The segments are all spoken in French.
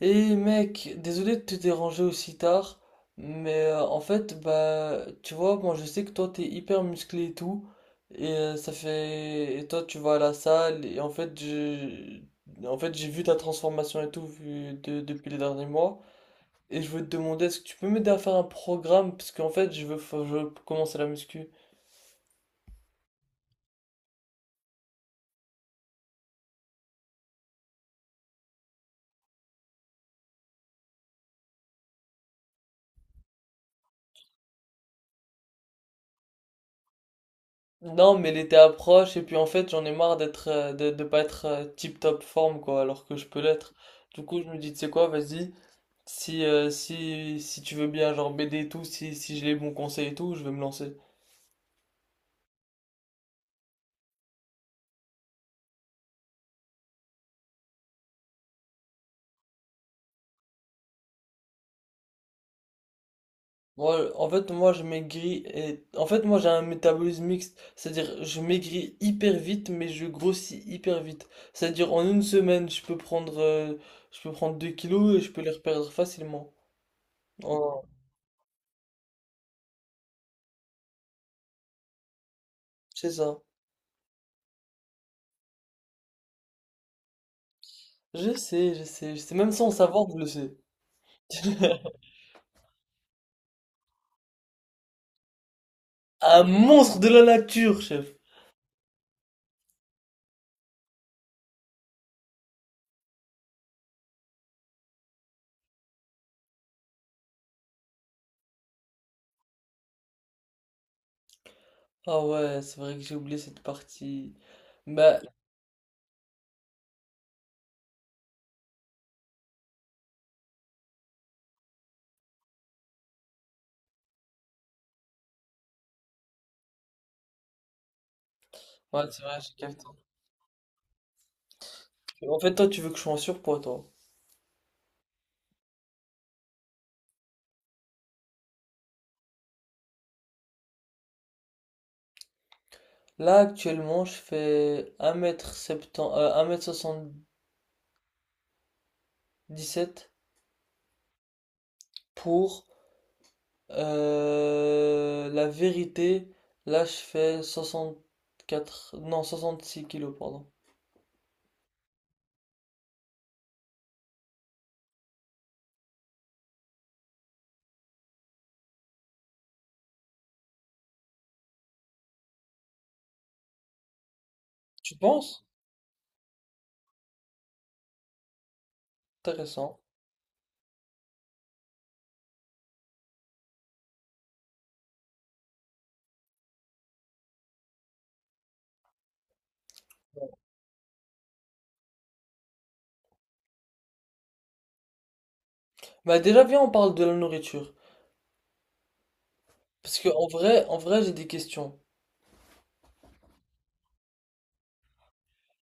Et mec, désolé de te déranger aussi tard, mais en fait, bah, tu vois, moi je sais que toi t'es hyper musclé et tout, et ça fait, et toi tu vas à la salle, en fait, j'ai vu ta transformation et tout depuis les derniers mois, et je veux te demander, est-ce que tu peux m'aider à faire un programme, parce qu'en fait, je veux commencer la muscu. Non, mais l'été approche, et puis en fait, j'en ai marre d'être, de pas être tip top forme, quoi, alors que je peux l'être. Du coup, je me dis, tu sais quoi, vas-y. Si tu veux bien, genre BD et tout, si j'ai les bons conseils et tout, je vais me lancer. Moi, je maigris et... En fait, moi, j'ai un métabolisme mixte. C'est-à-dire, je maigris hyper vite, mais je grossis hyper vite. C'est-à-dire, en une semaine, je peux prendre 2 kilos et je peux les reperdre facilement. Oh, c'est ça. Je sais, je sais, je sais. Même sans savoir, je le sais. Un monstre de la nature, chef. Ah ouais, c'est vrai que j'ai oublié cette partie. Bah, ouais, c'est vrai, j'ai capté. En fait, toi, tu veux que je sois en surpoids, toi. Là, actuellement, je fais un mètre m 70 77 pour la vérité. Là, je fais soixante quatre non, 66 kilos, pardon. Tu penses? Intéressant. Bah, déjà, viens, on parle de la nourriture. Parce que, en vrai, j'ai des questions.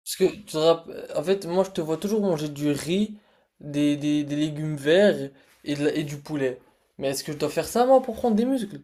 Parce que, tu te rapp- En fait, moi, je te vois toujours manger du riz, des légumes verts et du poulet. Mais est-ce que je dois faire ça, moi, pour prendre des muscles?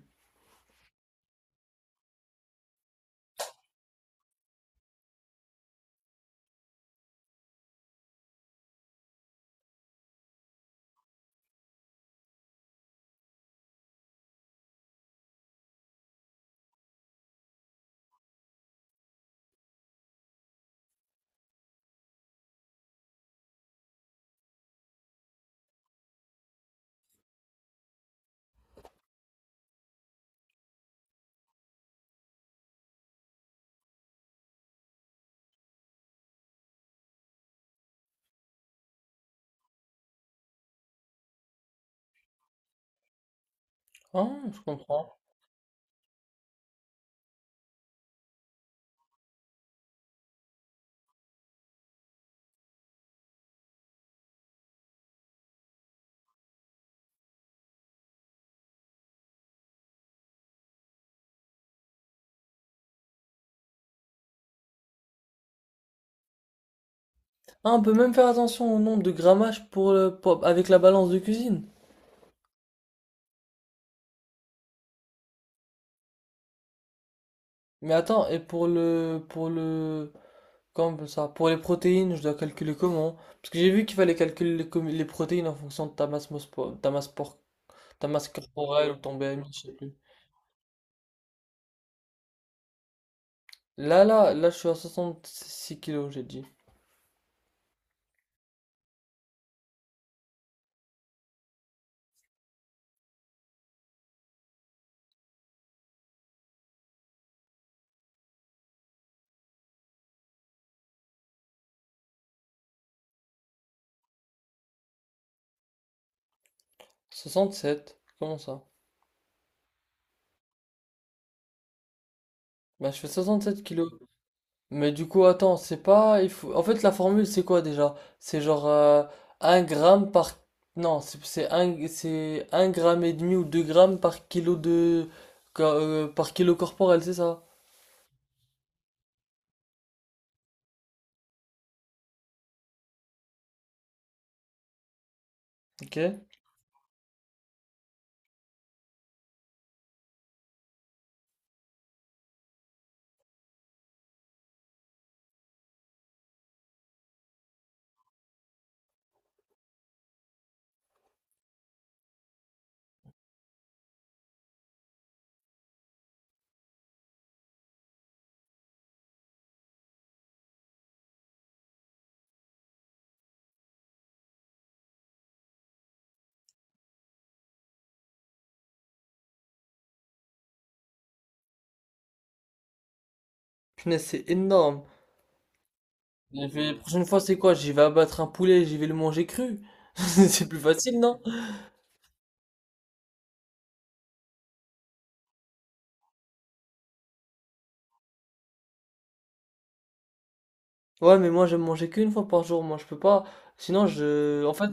Ah, je comprends. Ah, on peut même faire attention au nombre de grammages pour avec la balance de cuisine. Mais attends, pour le, comme ça, pour les protéines, je dois calculer comment? Parce que j'ai vu qu'il fallait calculer les protéines en fonction de ta masse, mospo- ta masse, por- ta masse corporelle ou ton BMI. Là, là, là, je suis à 66 kilos, j'ai dit. 67, comment ça? Bah, je fais 67 kilos. Mais du coup, attends, c'est pas. Il faut... En fait, la formule, c'est quoi déjà? C'est genre 1 gramme par. Non, c'est un gramme et demi ou 2 grammes par kilo de. Par kilo corporel, c'est ça? Ok. Punaise, c'est énorme. Et puis, la prochaine fois, c'est quoi? J'y vais abattre un poulet, j'y vais le manger cru. C'est plus facile, non? Ouais, mais moi, j'aime manger qu'une fois par jour. Moi, je peux pas. Sinon, je. En fait.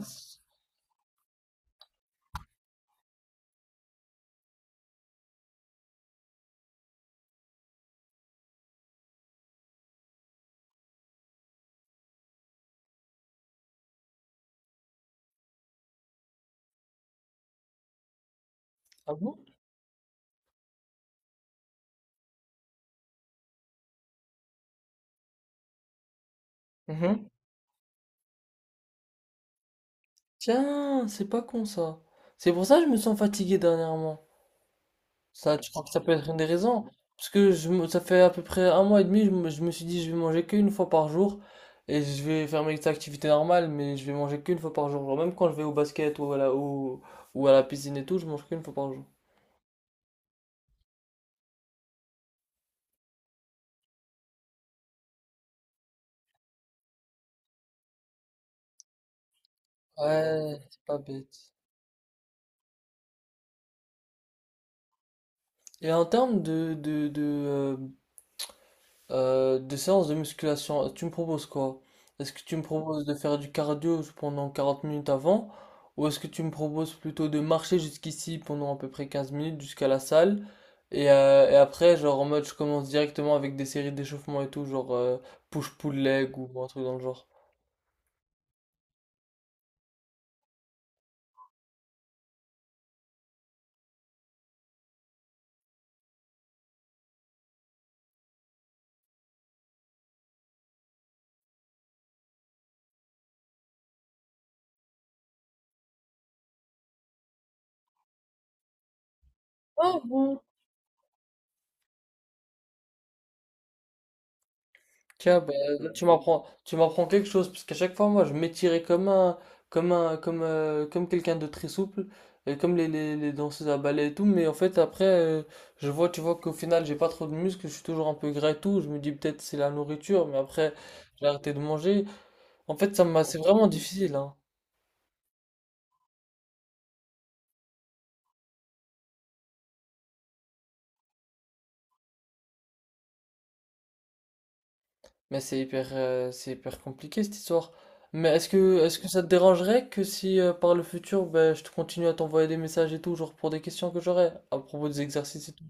Ah bon? Mhm. Tiens, c'est pas con ça. C'est pour ça que je me sens fatigué dernièrement. Ça, tu crois que ça peut être une des raisons? Parce que je, me- Ça fait à peu près un mois et demi, je me suis dit je vais manger qu'une fois par jour et je vais faire mes activités normales, mais je vais manger qu'une fois par jour. Genre, même quand je vais au basket ou à la piscine et tout, je mange qu'une fois par jour. Ouais, c'est pas bête. Et en termes de des séances de musculation, tu me proposes quoi? Est-ce que tu me proposes de faire du cardio pendant 40 minutes avant? Ou est-ce que tu me proposes plutôt de marcher jusqu'ici pendant à peu près 15 minutes jusqu'à la salle? Et après, genre en mode, je commence directement avec des séries d'échauffement et tout, push-pull leg ou un truc dans le genre. Tiens, bah, là, tu m'apprends quelque chose, parce qu'à chaque fois, moi, je m'étirais comme quelqu'un de très souple, et comme les danseuses à ballet et tout, mais en fait, je vois, tu vois qu'au final, j'ai pas trop de muscles, je suis toujours un peu gras et tout, je me dis peut-être c'est la nourriture, mais après, j'ai arrêté de manger. En fait, c'est vraiment difficile, hein. Mais c'est hyper compliqué, cette histoire. Mais est-ce que ça te dérangerait que si, par le futur, ben, je te continue à t'envoyer des messages et tout, genre pour des questions que j'aurais, à propos des exercices et tout?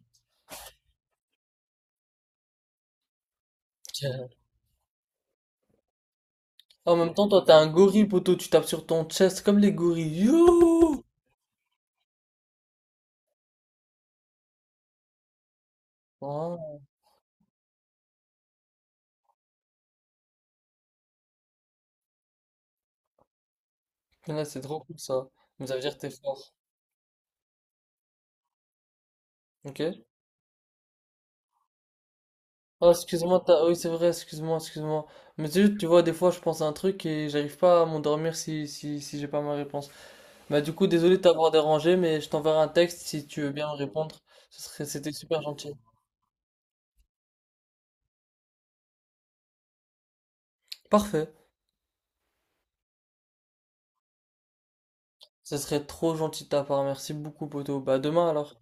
En même temps, toi, t'es un gorille, poteau, tu tapes sur ton chest comme les gorilles. Yo! Oh, là, c'est trop cool ça. Mais ça veut dire que t'es fort. Ok? Oh, oui, c'est vrai, excuse-moi, excuse-moi. Mais c'est juste, tu vois, des fois, je pense à un truc et j'arrive pas à m'endormir si j'ai pas ma réponse. Bah, du coup, désolé de t'avoir dérangé, mais je t'enverrai un texte si tu veux bien me répondre. C'était super gentil. Parfait. Ce serait trop gentil de ta part. Merci beaucoup, poteau. Bah, à demain alors.